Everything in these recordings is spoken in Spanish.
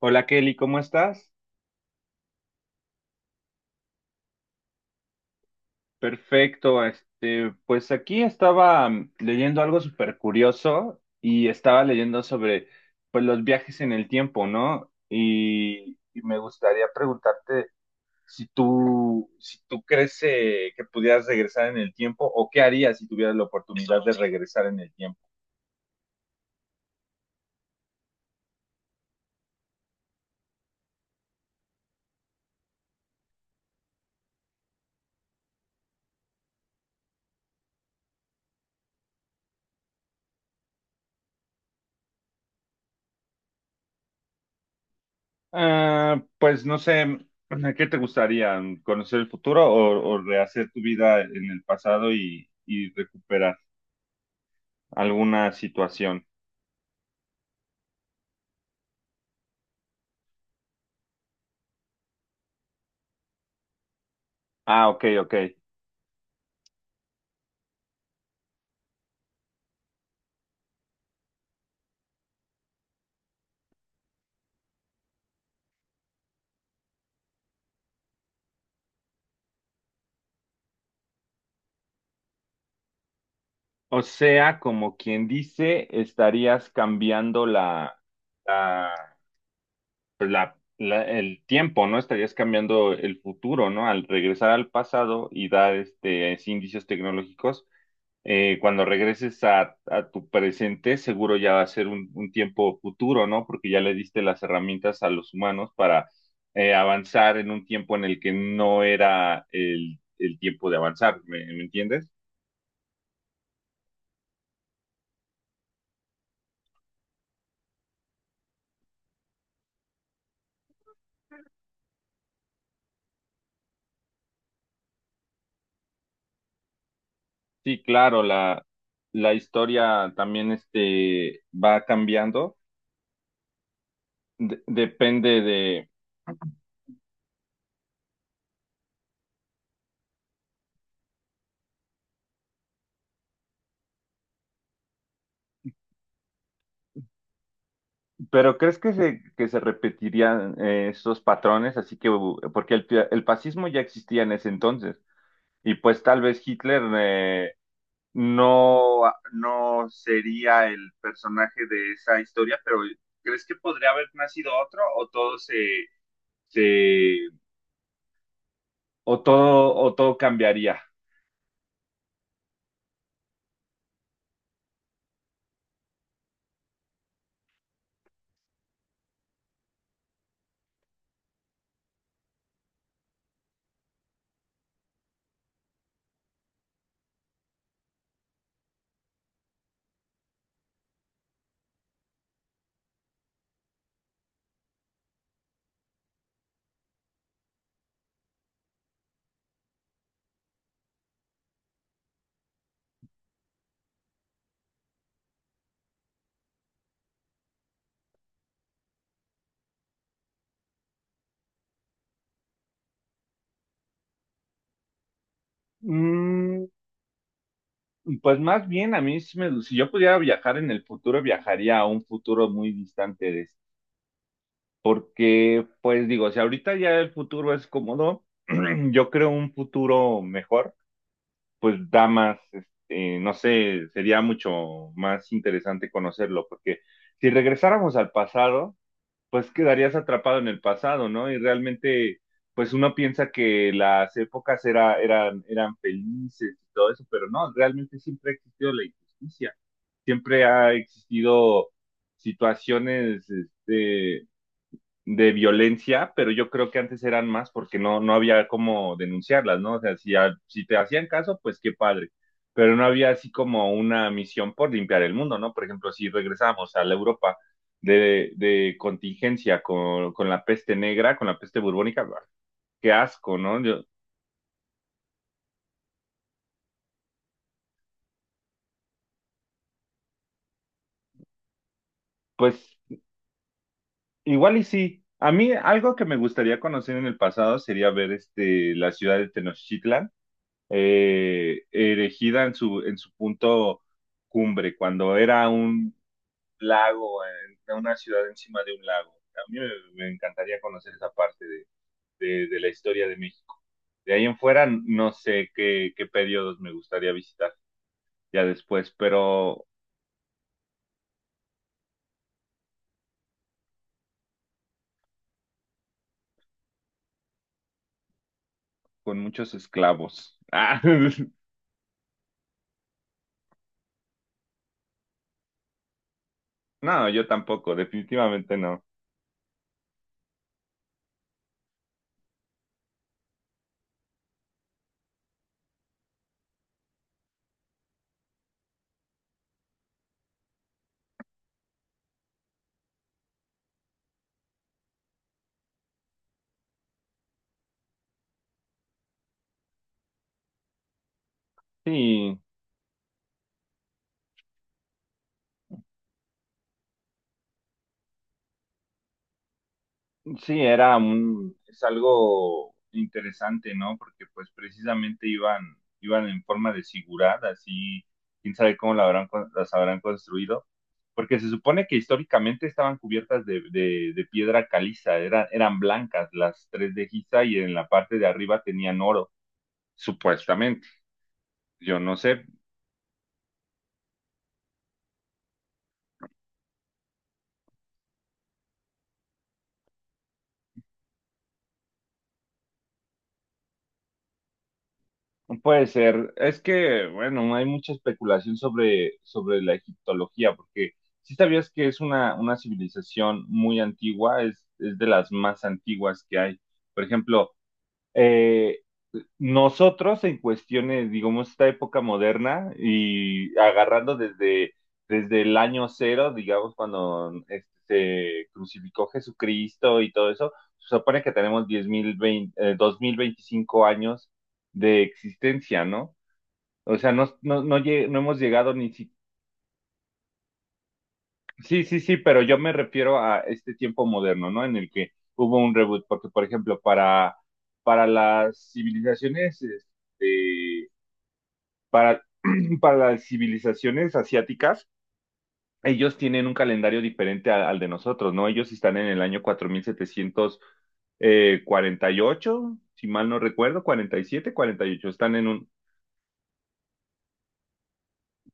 Hola Kelly, ¿cómo estás? Perfecto, este, pues aquí estaba leyendo algo súper curioso y estaba leyendo sobre pues los viajes en el tiempo, ¿no? Y me gustaría preguntarte si tú crees que pudieras regresar en el tiempo o qué harías si tuvieras la oportunidad de regresar en el tiempo. Ah, pues no sé, ¿a ¿qué te gustaría? ¿Conocer el futuro o rehacer tu vida en el pasado y recuperar alguna situación? Ah, ok, ok. O sea, como quien dice, estarías cambiando la, el tiempo, ¿no? Estarías cambiando el futuro, ¿no? Al regresar al pasado y dar indicios tecnológicos, cuando regreses a tu presente, seguro ya va a ser un tiempo futuro, ¿no? Porque ya le diste las herramientas a los humanos para avanzar en un tiempo en el que no era el tiempo de avanzar, ¿ me entiendes? Sí, claro, la historia también este, va cambiando, depende de. Pero ¿crees que se repetirían esos patrones? Así que, porque el fascismo ya existía en ese entonces, y pues tal vez Hitler no, ah, no sería el personaje de esa historia, pero ¿crees que podría haber nacido otro o todo se, o todo cambiaría? Mm, Pues más bien a mí, si yo pudiera viajar en el futuro, viajaría a un futuro muy distante de este. Porque, pues digo, si ahorita ya el futuro es cómodo, yo creo un futuro mejor, pues da más, este, no sé, sería mucho más interesante conocerlo, porque si regresáramos al pasado, pues quedarías atrapado en el pasado, ¿no? Y realmente, pues uno piensa que las épocas eran felices y todo eso, pero no, realmente siempre ha existido la injusticia, siempre ha existido situaciones este, de violencia, pero yo creo que antes eran más porque no había cómo denunciarlas, ¿no? O sea, si te hacían caso, pues qué padre, pero no había así como una misión por limpiar el mundo, ¿no? Por ejemplo, si regresamos a la Europa de contingencia con la peste negra, con la peste burbónica, bah, qué asco, ¿no? Yo, pues igual y sí. A mí algo que me gustaría conocer en el pasado sería ver este, la ciudad de Tenochtitlan erigida en su punto cumbre, cuando era un lago, una ciudad encima de un lago. A mí me encantaría conocer esa parte de la historia de México. De ahí en fuera, no sé qué periodos me gustaría visitar ya después, pero con muchos esclavos. Ah, no, yo tampoco, definitivamente no. Sí, sí, es algo interesante, ¿no? Porque pues precisamente iban en forma de zigurat, así, quién sabe cómo las habrán construido, porque se supone que históricamente estaban cubiertas de piedra caliza, eran blancas las tres de Giza y en la parte de arriba tenían oro, supuestamente. Yo no sé. Puede ser. Es que, bueno, hay mucha especulación sobre la egiptología, porque si sabías que es una civilización muy antigua, es de las más antiguas que hay. Por ejemplo, eh, nosotros en cuestiones, digamos, esta época moderna y agarrando desde, desde el año cero, digamos, cuando este, se crucificó Jesucristo y todo eso, se supone que tenemos 10.000, 2025 años de existencia, ¿no? O sea, no, no, no, no hemos llegado ni siquiera. Sí, sí, sí, pero yo me refiero a este tiempo moderno, ¿no? En el que hubo un reboot, porque por ejemplo, para las civilizaciones, este, para, para las civilizaciones asiáticas, ellos tienen un calendario diferente al de nosotros, ¿no? Ellos están en el año 4700 48, si mal no recuerdo, cuarenta y siete, 48. Están en un.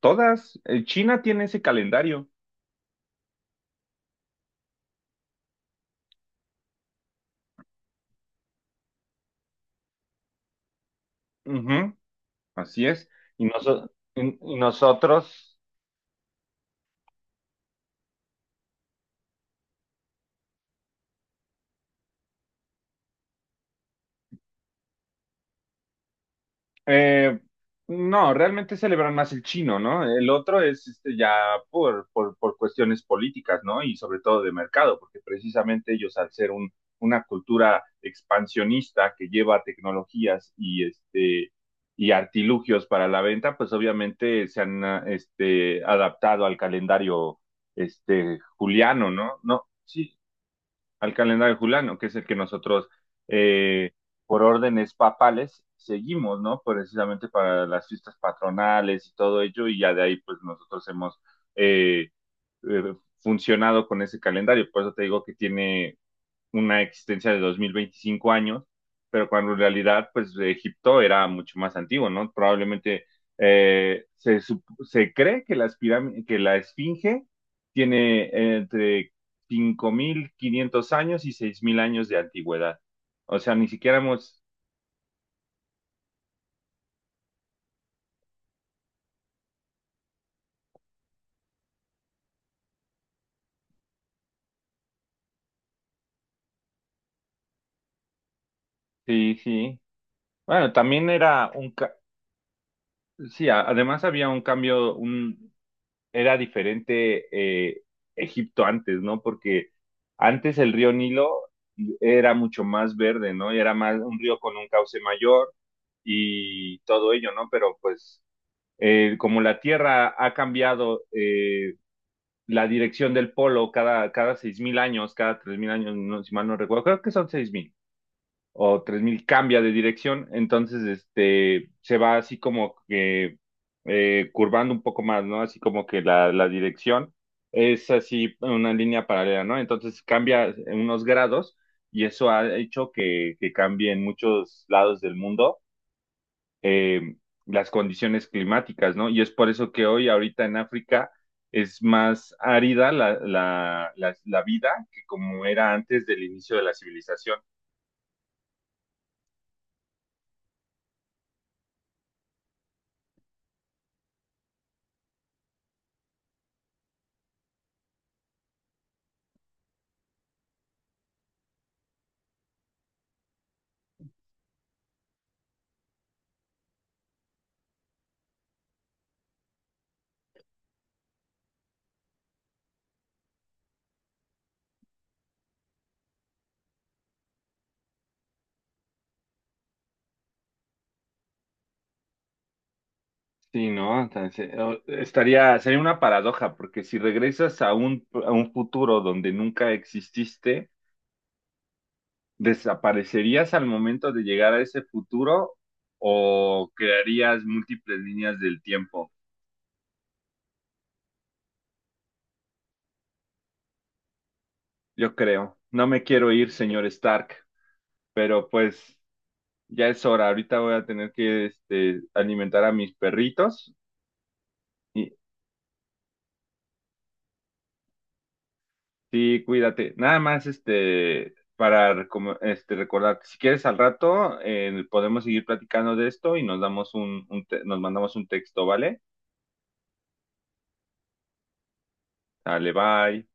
Todas, China tiene ese calendario. Ujú, así es. Y, noso- y y nosotros. Eh, no, realmente celebran más el chino, ¿no? El otro es este, ya por cuestiones políticas, ¿no? Y sobre todo de mercado, porque precisamente ellos al ser un, una cultura expansionista que lleva tecnologías y, este, y artilugios para la venta, pues obviamente se han este, adaptado al calendario este, juliano, ¿no? No, sí al calendario juliano, que es el que nosotros, eh, por órdenes papales, seguimos, ¿no? Precisamente para las fiestas patronales y todo ello, y ya de ahí, pues nosotros hemos eh, funcionado con ese calendario. Por eso te digo que tiene una existencia de 2025 años, pero cuando en realidad, pues Egipto era mucho más antiguo, ¿no? Probablemente eh, se, sup- se cree que la Esfinge tiene entre 5500 años y 6000 años de antigüedad. O sea, ni siquiera hemos. Sí, sí. Bueno, también era un. Ca. Sí, además había un cambio, un, era diferente eh, Egipto antes, ¿no? Porque antes el río Nilo era mucho más verde, ¿no? Y era más un río con un cauce mayor y todo ello, ¿no? Pero pues como la Tierra ha cambiado la dirección del polo cada 6000 años, cada 3000 años, no, si mal no recuerdo, creo que son 6000 o 3000 cambia de dirección, entonces este se va así como que curvando un poco más, ¿no? Así como que la dirección es así una línea paralela, ¿no? Entonces cambia unos grados y eso ha hecho que cambie en muchos lados del mundo eh, las condiciones climáticas, ¿no? Y es por eso que hoy, ahorita en África, es más árida la vida que como era antes del inicio de la civilización. Sí, ¿no? Entonces, sería una paradoja, porque si regresas a un futuro donde nunca exististe, ¿desaparecerías al momento de llegar a ese futuro o crearías múltiples líneas del tiempo? Yo creo. No me quiero ir, señor Stark, pero pues ya es hora. Ahorita voy a tener que este, alimentar a mis perritos. Sí, cuídate. Nada más, este, para recordarte, si quieres al rato, podemos seguir platicando de esto y nos damos nos mandamos un texto, ¿vale? Dale, bye.